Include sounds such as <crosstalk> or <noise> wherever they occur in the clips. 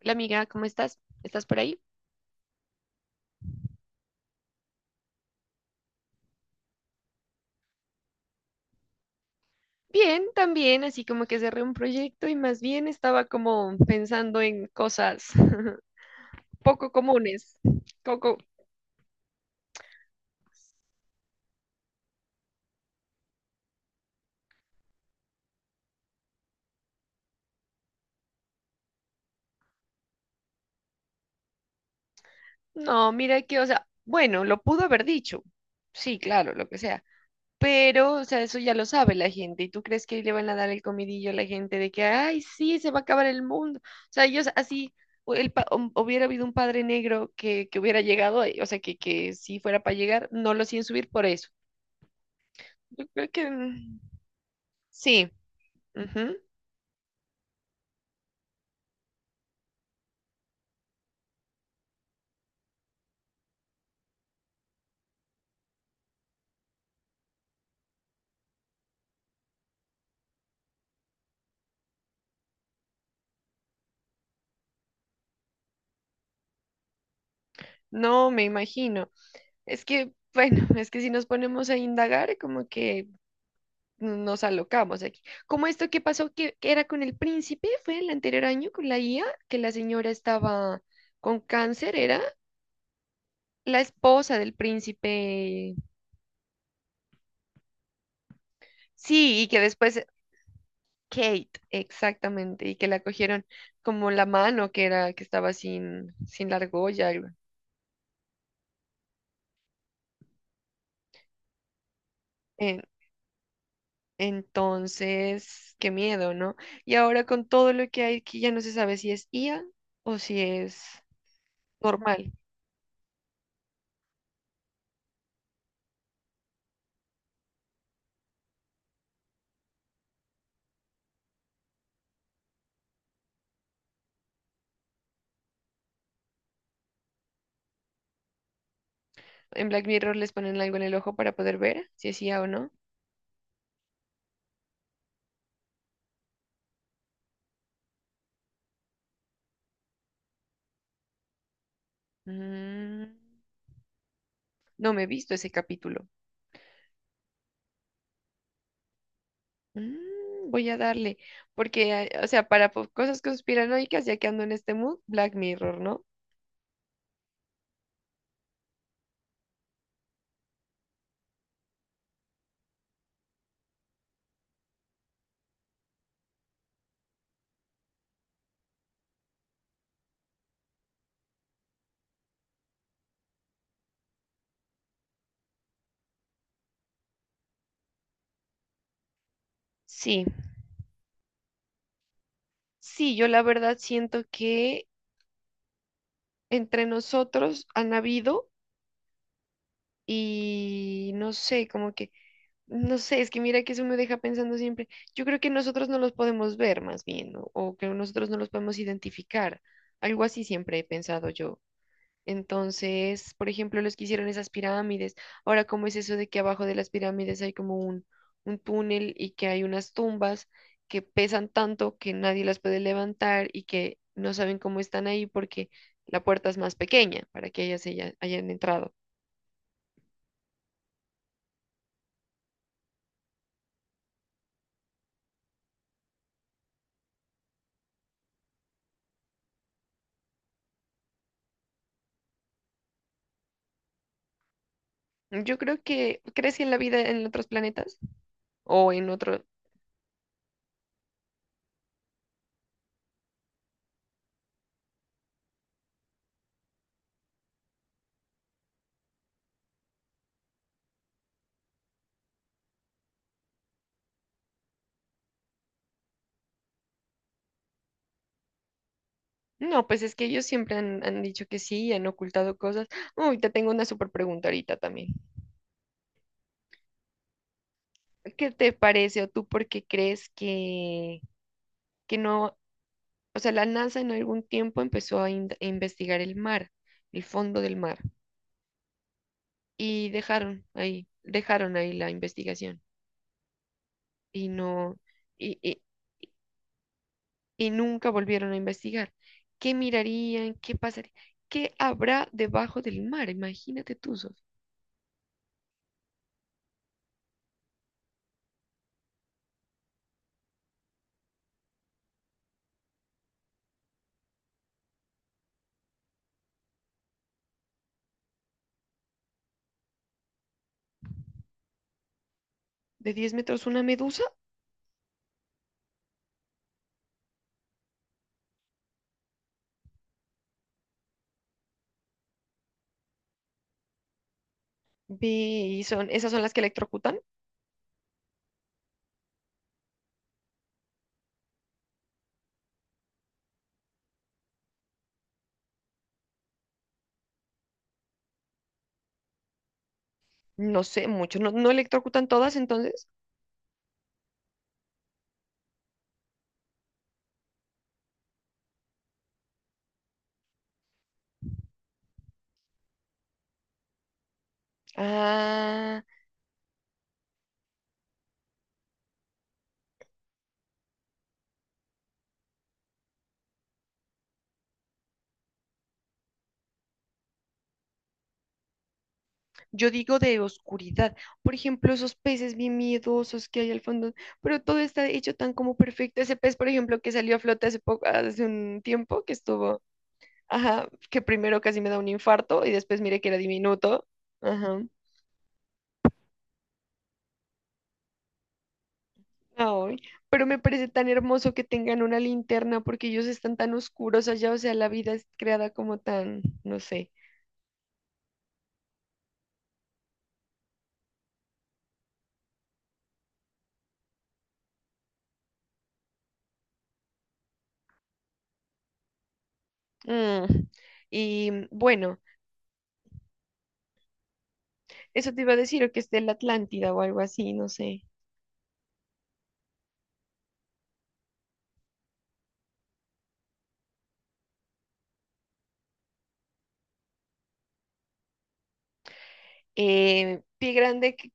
Hola amiga, ¿cómo estás? ¿Estás por ahí? Bien, también, así como que cerré un proyecto y más bien estaba como pensando en cosas <laughs> poco comunes. Coco, no, mira que, o sea, bueno, lo pudo haber dicho. Sí, claro, lo que sea. Pero, o sea, eso ya lo sabe la gente. ¿Y tú crees que le van a dar el comidillo a la gente de que, ay, sí, se va a acabar el mundo? O sea, ellos así, o el hubiera habido un padre negro que hubiera llegado, o sea, que si fuera para llegar, no lo hacían subir por eso. Yo creo que mm, sí, ujú. No, me imagino. Es que, <laughs> bueno, es que si nos ponemos a indagar, como que no, nos alocamos aquí. Como esto que pasó, que era con el príncipe, fue el anterior año con la IA, que la señora estaba con cáncer, era la esposa del príncipe. Sí, y que después Kate, exactamente, y que la cogieron como la mano que era, que estaba sin, sin la argolla. Algo. Entonces, qué miedo, ¿no? Y ahora con todo lo que hay aquí ya no se sabe si es IA o si es normal. En Black Mirror les ponen algo en el ojo para poder ver si es IA o no. Mm, no me he visto ese capítulo. Mm, voy a darle, porque, o sea, cosas conspiranoicas, ya que ando en este mood, Black Mirror, ¿no? Sí, sí, yo la verdad siento que entre nosotros han habido y no sé, como que no sé, es que mira que eso me deja pensando siempre. Yo creo que nosotros no los podemos ver más bien, o que nosotros no los podemos identificar. Algo así siempre he pensado yo. Entonces, por ejemplo, los que hicieron esas pirámides, ahora cómo es eso de que abajo de las pirámides hay como un túnel y que hay unas tumbas que pesan tanto que nadie las puede levantar y que no saben cómo están ahí porque la puerta es más pequeña para que hayan entrado. Yo creo que, ¿crees que en la vida en otros planetas? O en otro, no, pues es que ellos siempre han, han dicho que sí y han ocultado cosas. Uy, te tengo una súper pregunta ahorita también. ¿Qué te parece o tú por qué crees que no, o sea, la NASA en algún tiempo empezó a investigar el mar, el fondo del mar, y dejaron ahí la investigación y no, y, y, y nunca volvieron a investigar. ¿Qué mirarían? ¿Qué pasaría? ¿Qué habrá debajo del mar? Imagínate tú, Sof, de 10 metros una medusa. Vi, son, esas son las que electrocutan. No sé mucho, no, no electrocutan todas entonces. Ah, yo digo de oscuridad. Por ejemplo, esos peces bien miedosos que hay al fondo, pero todo está hecho tan como perfecto. Ese pez, por ejemplo, que salió a flote hace poco, hace un tiempo, que estuvo, ajá, que primero casi me da un infarto y después miré que era diminuto. Ajá. Ay, pero me parece tan hermoso que tengan una linterna porque ellos están tan oscuros allá, o sea, la vida es creada como tan, no sé. Mm, y mm, bueno, eso te iba a decir, o que es de la Atlántida o algo así, no sé. Pie Grande, ¿qué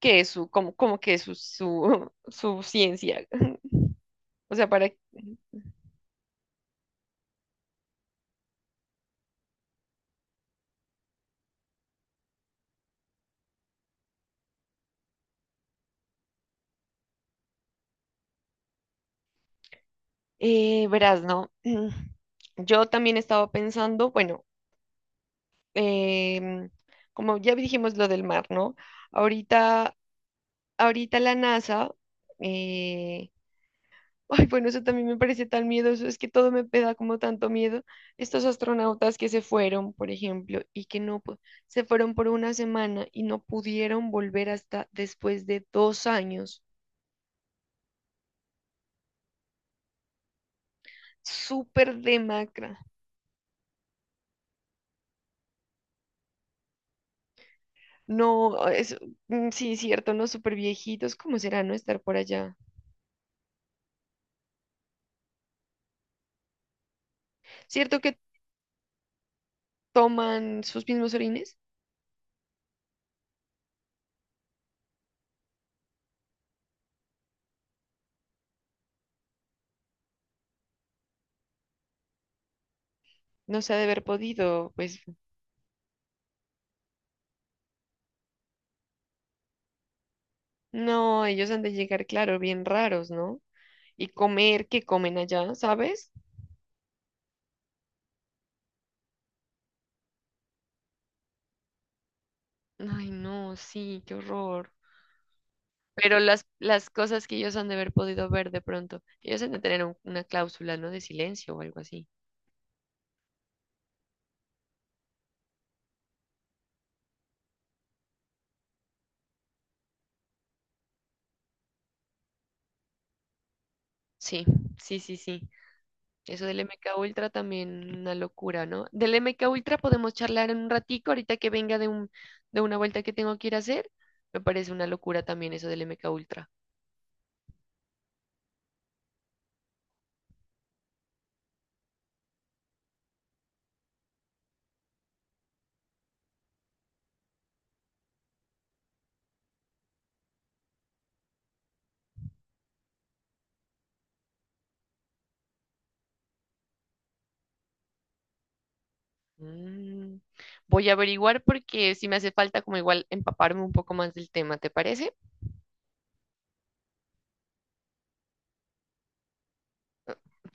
qué es su, cómo, cómo que es <laughs> su ciencia? <laughs> O sea, para... verás, ¿no? <clears throat> Yo también estaba pensando, bueno, em, como ya dijimos lo del mar, ¿no? Ahorita, ahorita la NASA, eh, ay, bueno, eso también me parece tan miedoso, es que todo me da como tanto miedo. Estos astronautas que se fueron, por ejemplo, y que no, se fueron por una semana y no pudieron volver hasta después de 2 años. Súper demacra. No, ah, es, mm, sí, cierto, no, súper viejitos. ¿Cómo será no estar por allá? ¿Cierto que toman sus mismos orines? No se ha de haber podido, pues, no, ellos han de llegar, claro, bien raros, ¿no? Y comer, que comen allá, ¿sabes? Ay, no, sí, qué horror. Pero las cosas que ellos han de haber podido ver de pronto, ellos han de tener una cláusula, ¿no? De silencio o algo así. Sí, sí, sí, sí. Eso del MK Ultra también una locura, ¿no? Del MK Ultra podemos charlar en un ratico, ahorita que venga de un, de una vuelta que tengo que ir a hacer. Me parece una locura también eso del MK Ultra. Mm, voy a averiguar porque si me hace falta como igual empaparme un poco más del tema, ¿te parece?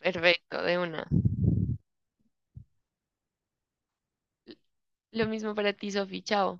Perfecto, de una. Lo mismo para ti, Sofi. Chao.